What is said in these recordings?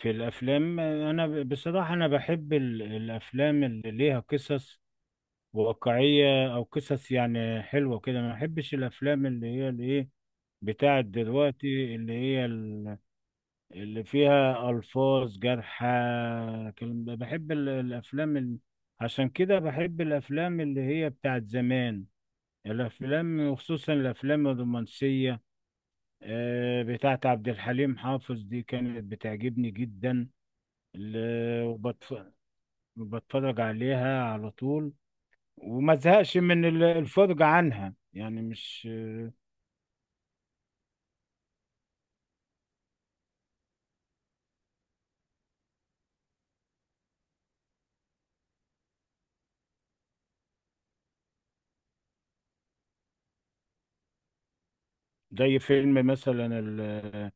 في الافلام انا بصراحه انا بحب الافلام اللي ليها قصص واقعيه او قصص يعني حلوه كده ما بحبش الافلام اللي هي الايه بتاعت دلوقتي اللي هي اللي فيها الفاظ جارحه كلام ده. بحب الافلام عشان كده بحب الافلام اللي هي بتاعت زمان الافلام، وخصوصا الافلام الرومانسيه. بتاعت عبد الحليم حافظ دي كانت بتعجبني جدا ال- وبتف... بتفرج عليها على طول وما زهقش من الفرجة عنها، يعني مش زي فيلم مثلا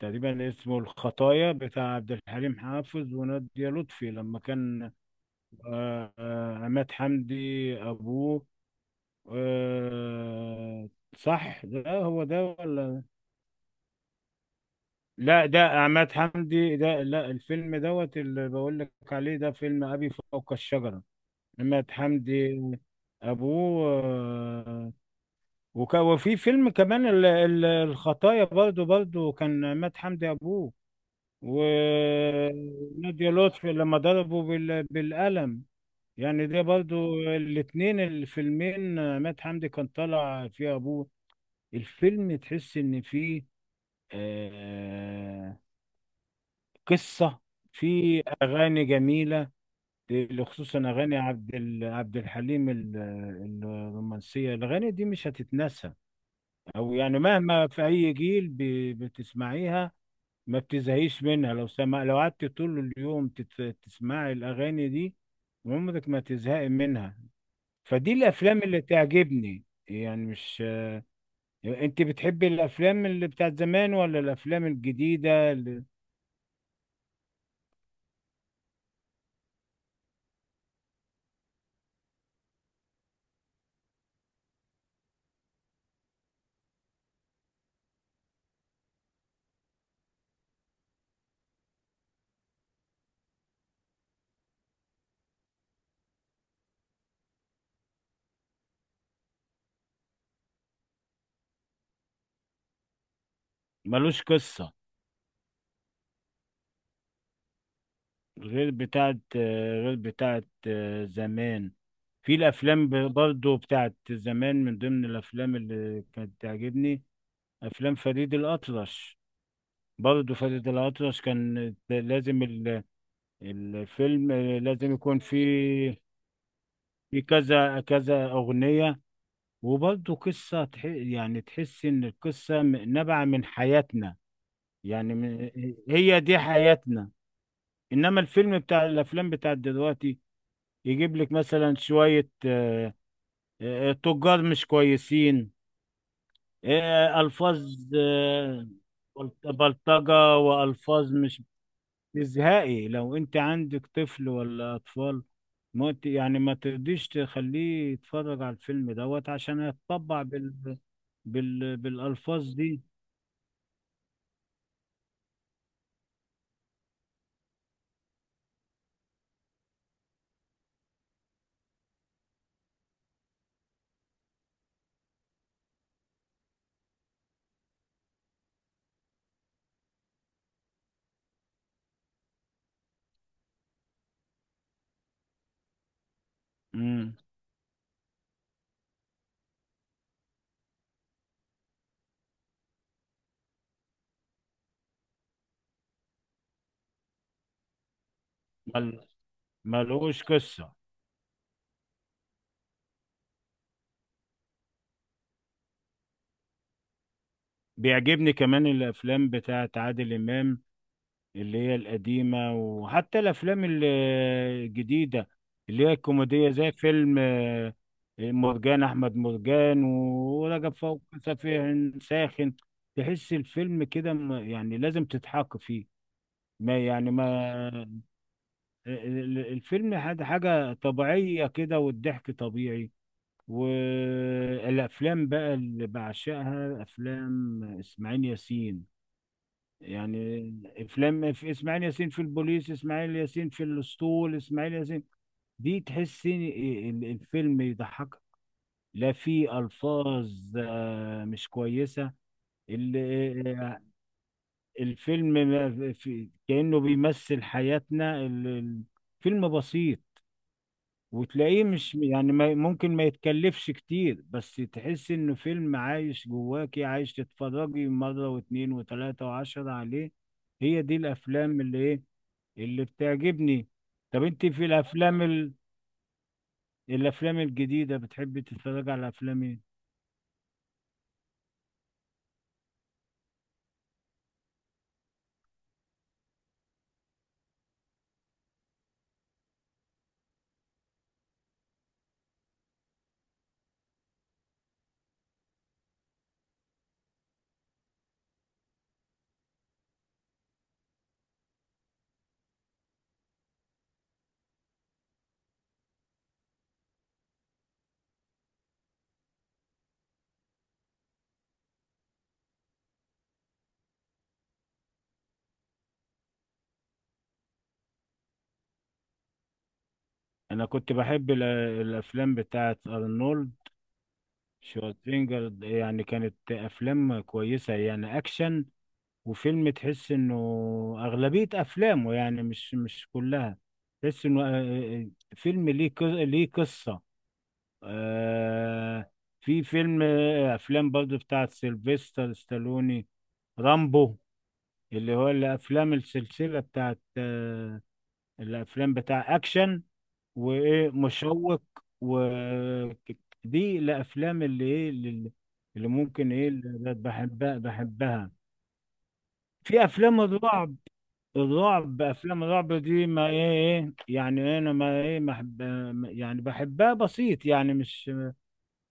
تقريبا اسمه الخطايا بتاع عبد الحليم حافظ ونادية لطفي لما كان. عماد حمدي أبوه. آه، صح ده هو ده ولا. لا ده عماد حمدي، ده لا، الفيلم دوت اللي بقول لك عليه ده فيلم أبي فوق الشجرة. عماد حمدي أبوه. آه، وفي فيلم كمان الخطايا، برضو كان مات حمدي أبوه ونادية لطفي لما ضربوا بالقلم، يعني ده برضو الاتنين الفيلمين مات حمدي كان طالع فيه أبوه. الفيلم تحس إن فيه آه، قصة، فيه أغاني جميلة، خصوصا أغاني عبد الحليم الرومانسية. الأغاني دي مش هتتنسى او يعني مهما في اي جيل بتسمعيها ما بتزهقيش منها. لو سمع لو قعدت طول اليوم تسمعي الاغاني دي عمرك ما تزهقي منها. فدي الافلام اللي تعجبني، يعني مش. يعني انت بتحبي الافلام اللي بتاعت زمان ولا الافلام الجديدة اللي ملوش قصة؟ غير بتاعت غير بتاعت زمان. في الافلام برضو بتاعت زمان، من ضمن الافلام اللي كانت تعجبني افلام فريد الاطرش. برضه فاتت الأطرش كان لازم الفيلم لازم يكون فيه في كذا كذا أغنية، وبرضه قصة يعني تحس إن القصة نابعة من حياتنا، يعني هي دي حياتنا. إنما الفيلم بتاع الأفلام بتاع دلوقتي يجيب لك مثلا شوية آه، آه، تجار مش كويسين، آه، ألفاظ، آه، بلطجة وألفاظ مش ازهائي. لو انت عندك طفل ولا اطفال ما ت- يعني ما ترضيش تخليه يتفرج على الفيلم دوت عشان هيتطبع بالالفاظ دي. امم مل... ملوش قصة. بيعجبني كمان الافلام بتاعت عادل امام، اللي هي القديمة، وحتى الأفلام الجديدة اللي هي الكوميدية، زي فيلم آه، مرجان أحمد مرجان ورجب فوق سفيه ساخن. تحس الفيلم كده يعني لازم تضحك فيه. ما يعني ما آه، الفيلم حاجة طبيعية كده، والضحك طبيعي. والأفلام بقى اللي بعشقها أفلام إسماعيل ياسين، يعني افلام في اسماعيل ياسين في البوليس، اسماعيل ياسين في الاسطول، اسماعيل ياسين. دي تحس إن الفيلم يضحك، لا في الفاظ آه، مش كويسه. ال- آه، الفيلم ما في كانه بيمثل حياتنا، فيلم بسيط، وتلاقيه مش يعني ممكن ما يتكلفش كتير، بس تحس انه فيلم عايش جواكي عايش، تتفرجي مرة واتنين وتلاتة وعشرة عليه. هي دي الافلام اللي ايه، اللي بتعجبني. طب انت في الافلام الجديده بتحبي تتفرج على افلام ايه؟ انا كنت بحب الافلام بتاعه ارنولد شوارزنيجر، يعني كانت افلام كويسه يعني اكشن، وفيلم تحس انه اغلبيه افلامه، يعني مش كلها، تحس انه آه، آه، فيلم ليه قصه آه... في فيلم آه، افلام برضه بتاعه سيلفستر ستالوني، رامبو، اللي هو الافلام السلسله بتاعت آه، الافلام بتاع اكشن وايه مشوق و دي الافلام اللي ممكن ايه اللي بحبها. في افلام الرعب، افلام الرعب دي ما ايه ايه، يعني انا ما ايه ما يعني بحبها بسيط، يعني مش،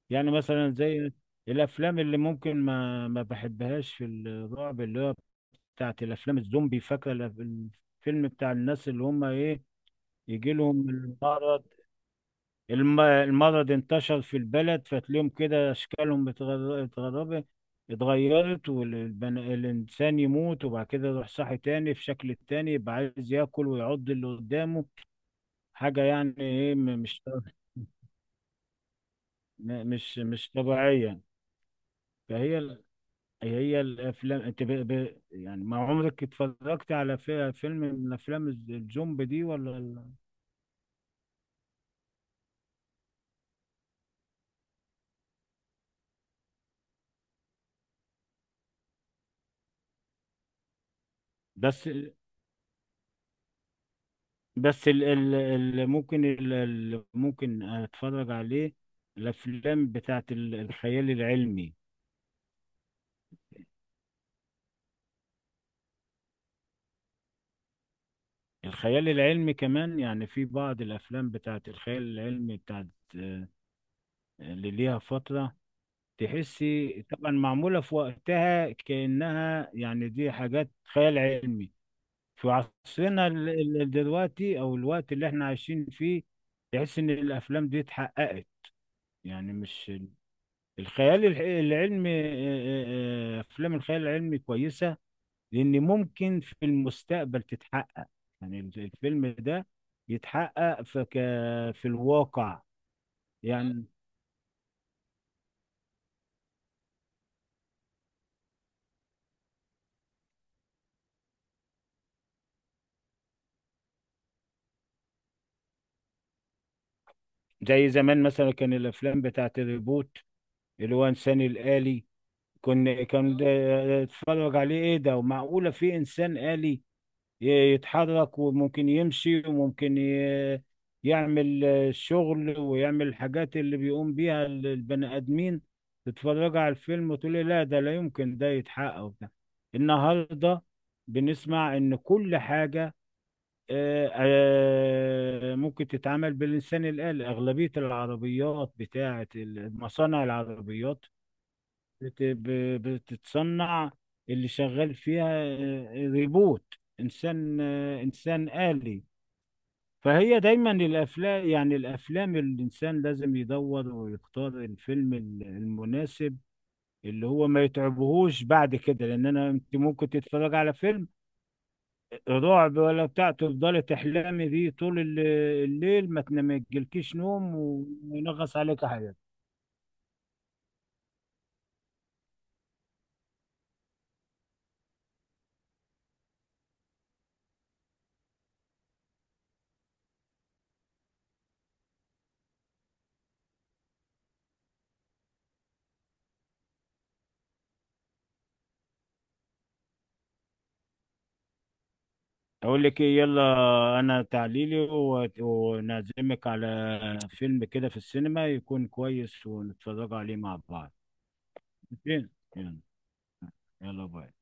يعني مثلا زي الافلام اللي ممكن ما بحبهاش في الرعب اللي هو بتاعت الافلام الزومبي. فاكره الفيلم بتاع الناس اللي هم ايه، يجي لهم المرض. المرض انتشر في البلد، فتلاقيهم كده اشكالهم اتغربت اتغيرت، والإنسان يموت وبعد كده يروح صاحي تاني في شكل تاني، يبقى عايز ياكل ويعض اللي قدامه. حاجة يعني ايه مش مش طبيعية. فهي هي الافلام، انت يعني ما عمرك اتفرجت على فيلم من افلام الزومبي دي ولا؟ بس بس ال ال ال ممكن ال ال ممكن اتفرج عليه الافلام بتاعت الخيال العلمي. الخيال العلمي كمان، يعني في بعض الافلام بتاعت الخيال العلمي بتاعت آه، اللي ليها فترة، تحسي طبعا معمولة في وقتها كأنها، يعني دي حاجات خيال علمي، في دلوقتي او الوقت اللي احنا عايشين فيه، تحس ان الافلام دي اتحققت، يعني مش. الخيال الح- العلمي آه، آه، آه، افلام الخيال العلمي كويسه لان ممكن في المستقبل تتحقق، يعني الفيلم ده يتحقق في في الواقع، يعني زي زمان مثلا كان الافلام بتاعت الريبوت، اللي هو انسان الآلي. كنا كان ده اتفرج عليه ايه ده ومعقوله في انسان آلي يتحرك وممكن يمشي وممكن يعمل الشغل ويعمل الحاجات اللي بيقوم بيها البني آدمين. تتفرج على الفيلم وتقولي لا ده لا يمكن ده يتحقق وبتاع. النهارده بنسمع إن كل حاجة آه، آه، ممكن تتعمل بالإنسان الآلي. أغلبية العربيات بتاعة مصانع العربيات بتتصنع اللي شغال فيها آه، ريبوت انسان آه، انسان آلي. فهي دايما الافلام، يعني الافلام الانسان لازم يدور ويختار الفيلم المناسب اللي هو ما يتعبهوش بعد كده، لان انت ممكن تتفرج على فيلم رعب ولا بتاع تفضلي تحلمي بيه طول الليل، ما تنام ما يجيلكيش نوم وينغص عليك حاجه. اقول لك ايه؟ يلا، انا ونعزمك على فيلم كده في السينما يكون كويس ونتفرج عليه مع بعض. ماشي؟ يلا. يلا باي.